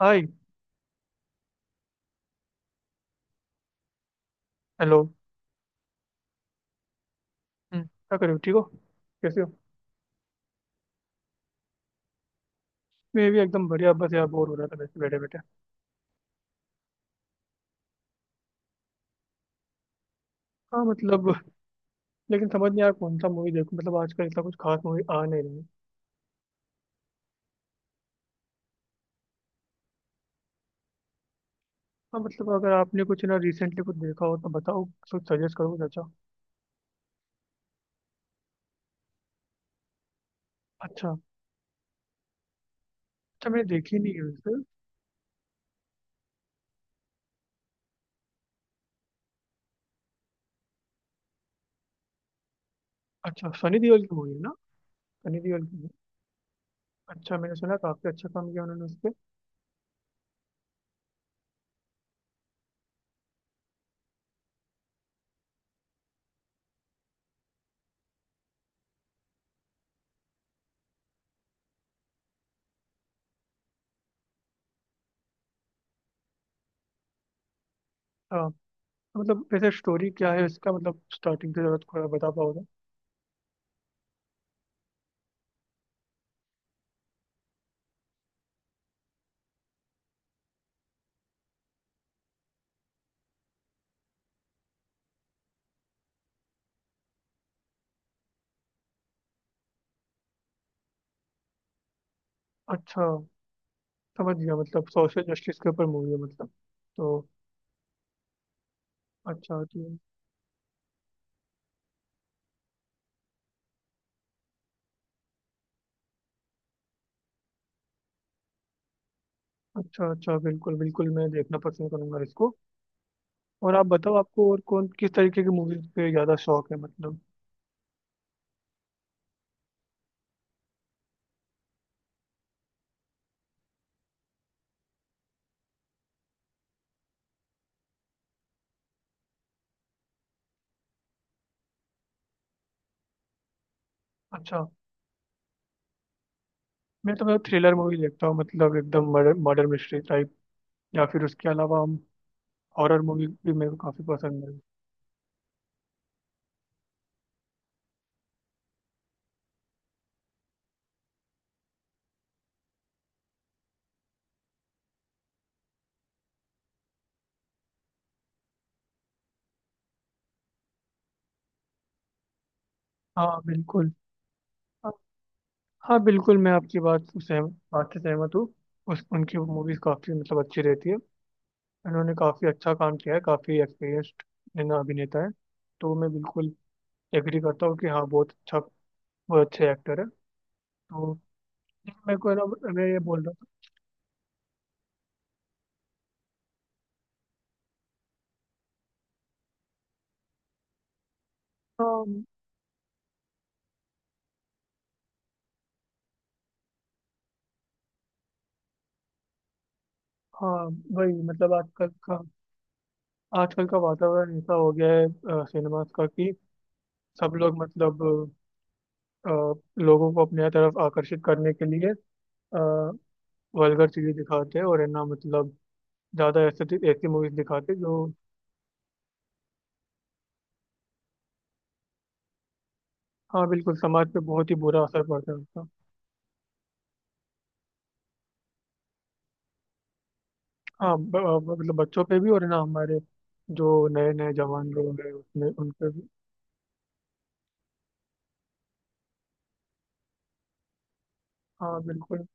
हाय। Hello. क्या कर रहे हो? ठीक हो? कैसे हो? मैं भी एकदम बढ़िया। बस यार, बोर हो रहा था वैसे बैठे बैठे। हाँ, मतलब। लेकिन समझ नहीं आया कौन सा मूवी देखूं, मतलब आजकल इतना कुछ खास मूवी आ नहीं रही है। हाँ मतलब, अगर आपने कुछ ना रिसेंटली कुछ देखा हो तो बताओ। कुछ सजेस्ट करो कुछ अच्छा। अच्छा। अच्छा, मैंने देखी नहीं है वैसे। अच्छा, सनी देओल की मूवी है ना? सनी देओल की movie। अच्छा, मैंने सुना काफी अच्छा काम किया उन्होंने उस पर। हाँ तो मतलब, वैसे स्टोरी क्या है इसका? मतलब स्टार्टिंग से जरा थोड़ा बता पाओगे? अच्छा, समझ गया। मतलब सोशल जस्टिस के ऊपर मूवी है मतलब। तो अच्छा होती है। अच्छा अच्छा, बिल्कुल बिल्कुल, मैं देखना पसंद करूंगा इसको। और आप बताओ, आपको और कौन किस तरीके की मूवीज पे ज़्यादा शौक है मतलब? अच्छा। मैं तो मतलब थ्रिलर मूवी देखता हूँ, मतलब एकदम मर्डर मर्डर मिस्ट्री टाइप। या फिर उसके अलावा हम, हॉरर मूवी भी मेरे को काफ़ी पसंद है। हाँ बिल्कुल। हाँ। हाँ, बिल्कुल मैं आपकी बात से सहमत हूँ। उस उनकी मूवीज काफ़ी मतलब अच्छी रहती है। उन्होंने काफ़ी अच्छा काम किया है, काफ़ी एक्सपीरियंस्ड अभिनेता है। तो मैं बिल्कुल एग्री करता हूँ कि हाँ बहुत अच्छा, वो अच्छे एक्टर है। तो मेरे को ना, मैं ये बोल रहा था। हाँ। हाँ, वही मतलब आजकल का वातावरण ऐसा हो गया है सिनेमास का, कि सब लोग मतलब अ, लोगों को अपने तरफ आकर्षित करने के लिए वल्गर चीजें दिखाते हैं, और है ना मतलब ज्यादा ऐसे, ऐसी मूवीज दिखाते हैं जो। हाँ बिल्कुल, समाज पे बहुत ही बुरा असर पड़ता है उसका। हाँ ब, ब- मतलब बच्चों पे भी, और है ना हमारे जो नए नए जवान लोग हैं उसमें उन पे भी। हाँ बिल्कुल।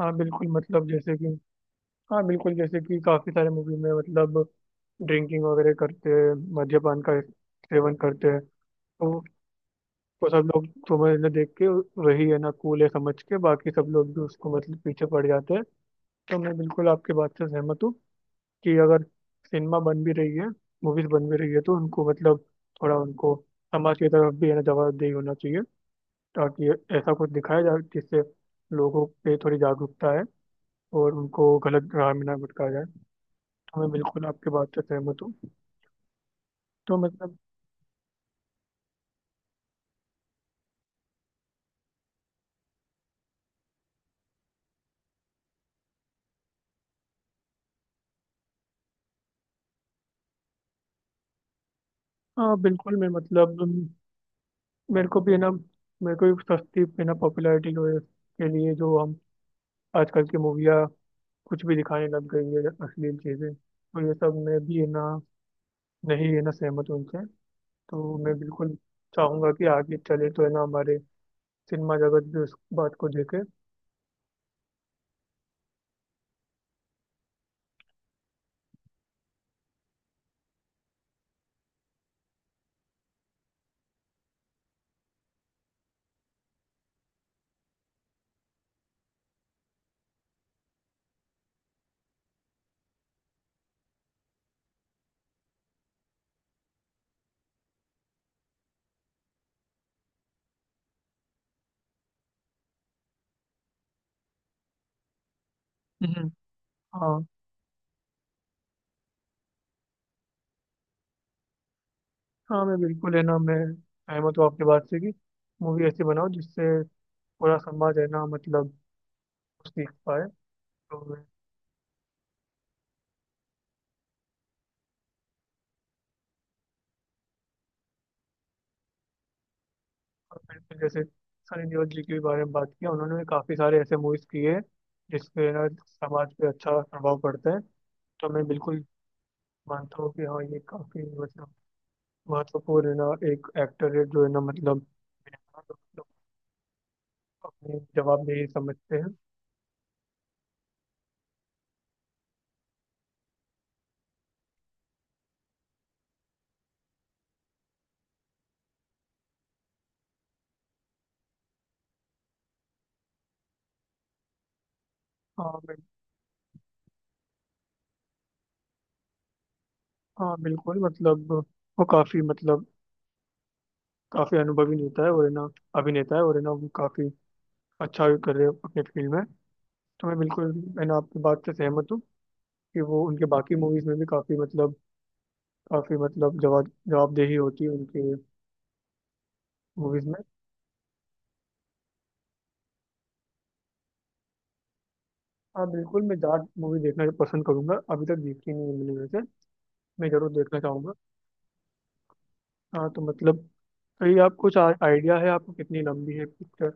हाँ बिल्कुल, मतलब जैसे कि। हाँ बिल्कुल, जैसे कि काफी सारे मूवी में मतलब ड्रिंकिंग वगैरह करते हैं, मद्यपान का सेवन करते हैं। तो वो सब लोग तुम्हें ना देख के, वही है ना कूल है समझ के, बाकी सब लोग भी उसको मतलब पीछे पड़ जाते हैं। तो मैं बिल्कुल आपके बात से सहमत हूँ कि अगर सिनेमा बन भी रही है, मूवीज बन भी रही है, तो उनको मतलब थोड़ा उनको समाज की तरफ भी है ना जवाबदेही होना चाहिए, ताकि ऐसा कुछ दिखाया जाए जिससे लोगों पे थोड़ी जागरूकता है, और उनको गलत राह में ना भटकाया जाए। तो मैं बिल्कुल आपके बात से सहमत हूँ। तो मतलब, हाँ बिल्कुल मैं मतलब मेरे को भी है ना, मेरे को भी सस्ती है ना पॉपुलैरिटी की वजह के लिए जो हम आजकल की मूवियाँ कुछ भी दिखाने लग गई है अश्लील चीज़ें, तो ये सब मैं भी है ना नहीं है ना सहमत हूं उनसे। तो मैं बिल्कुल चाहूँगा कि आगे चले तो है ना हमारे सिनेमा जगत भी उस बात को देखे। हम्म। हाँ। हाँ, मैं बिल्कुल है ना मैं सहमत हूँ आपकी बात से, कि मूवी ऐसी बनाओ जिससे पूरा समाज है ना मतलब सीख पाए। तो मैंने जैसे सनी देओल जी के बारे में बात किया, उन्होंने भी काफी सारे ऐसे मूवीज किए हैं, जिसपे ना समाज पे अच्छा प्रभाव पड़ता है। तो मैं बिल्कुल मानता हूँ कि हाँ, ये काफी मतलब महत्वपूर्ण है ना, एक एक्टर है जो है ना मतलब अपनी जवाबदेही समझते हैं। हाँ बिल- हाँ बिल्कुल मतलब, वो काफी मतलब काफी अनुभवी नेता है और है ना अभिनेता है, और है ना वो काफी अच्छा भी कर रहे हैं अपने फील्ड में। तो मैं बिल्कुल है ना आपकी बात से सहमत हूँ कि वो उनके बाकी मूवीज में भी काफी मतलब जवाबदेही होती है उनके मूवीज में। हाँ बिल्कुल, मैं जाट मूवी देखना पसंद करूंगा, अभी तक देखी नहीं है मैंने वैसे। मैं जरूर देखना चाहूंगा। हाँ तो मतलब, ये आपको कुछ आइडिया है आपको कितनी लंबी है पिक्चर?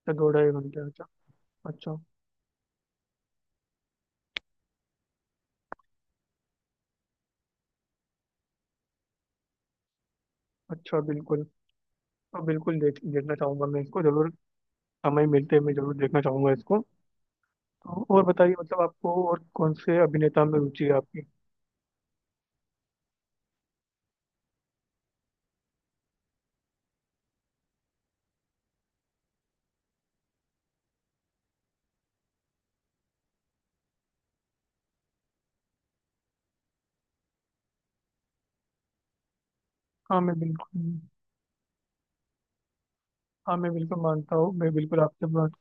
अच्छा 2-2.5 घंटे, अच्छा। अच्छा। अच्छा, बिल्कुल। हाँ बिल्कुल, देखना चाहूंगा मैं इसको जरूर। समय मिलते हैं मैं जरूर देखना चाहूंगा इसको। तो और बताइए, मतलब आपको और कौन से अभिनेता में रुचि है आपकी? हाँ मैं बिल्कुल हाँ मैं बिल्कुल मानता हूँ, मैं बिल्कुल आपके बात।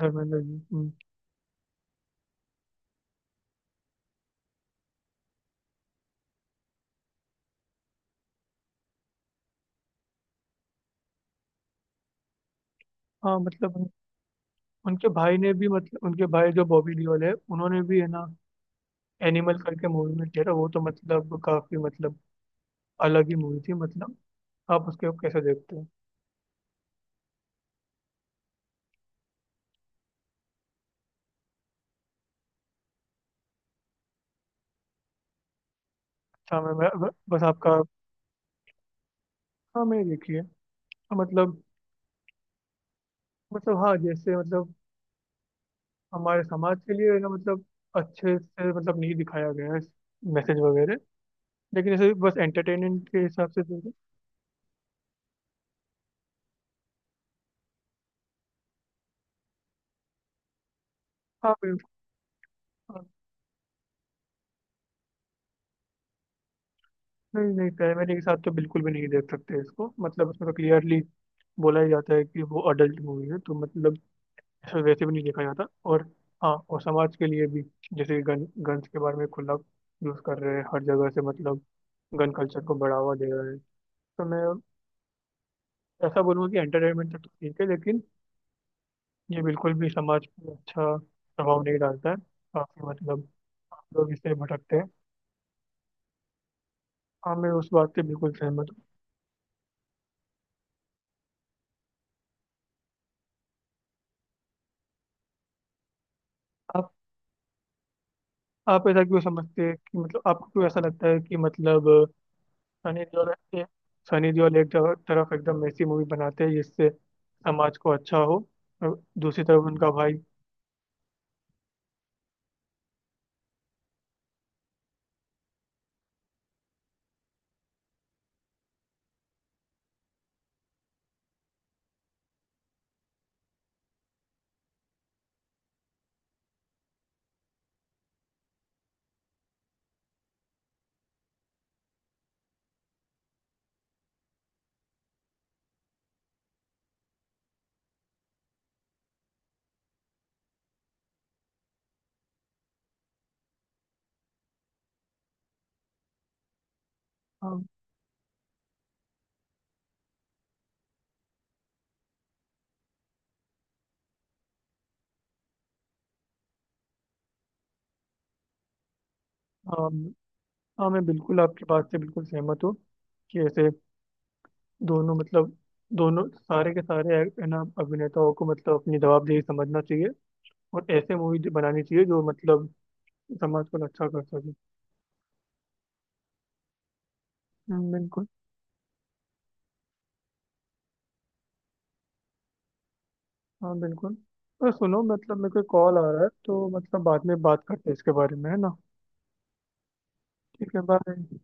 धर्मेंद्र जी, हम्म। हाँ मतलब, उनके भाई ने भी मतलब उनके भाई जो बॉबी लियोल है, उन्होंने भी है ना एनिमल करके मूवी में किया था, वो तो मतलब काफी मतलब अलग ही मूवी थी मतलब। आप उसके कैसे देखते हो? अच्छा, मैं बस आपका। हाँ मैं देखिए। हाँ, मतलब हाँ जैसे मतलब हमारे समाज के लिए है ना मतलब अच्छे से मतलब नहीं दिखाया गया है मैसेज वगैरह, लेकिन ऐसे बस एंटरटेनमेंट के हिसाब से देखो। हाँ मैं- नहीं नहीं, प्राइमरी के साथ तो बिल्कुल भी नहीं देख सकते इसको, मतलब उसमें तो क्लियरली बोला ही जाता है कि वो अडल्ट मूवी है, तो मतलब वैसे भी नहीं देखा जाता। और हाँ, और समाज के लिए भी जैसे गन गन्स के बारे में खुला यूज़ कर रहे हैं हर जगह से, मतलब गन कल्चर को बढ़ावा दे रहे हैं। तो मैं ऐसा बोलूँगा कि एंटरटेनमेंट तक तो ठीक है, लेकिन ये बिल्कुल भी समाज पे अच्छा प्रभाव नहीं डालता है, काफ़ी मतलब लोग इससे भटकते हैं। हाँ मैं उस बात से बिल्कुल सहमत हूँ। आप ऐसा क्यों समझते हैं कि मतलब आपको क्यों ऐसा लगता है कि मतलब सनी देओल एक- सनी देओल एक तरफ तरफ एकदम ऐसी मूवी बनाते हैं जिससे समाज को अच्छा हो, और दूसरी तरफ उनका भाई। हाँ हाँ। हाँ, मैं बिल्कुल आपकी बात से बिल्कुल सहमत हूँ कि ऐसे दोनों मतलब दोनों, सारे के सारे है ना अभिनेताओं को मतलब अपनी जवाबदेही समझना चाहिए, और ऐसे मूवी बनानी चाहिए जो मतलब समाज को अच्छा कर सके। बिल्कुल। हाँ बिल्कुल, और सुनो मतलब मेरे को कॉल आ रहा है तो मतलब बाद में बात करते हैं इसके बारे में है ना। ठीक है, बाय।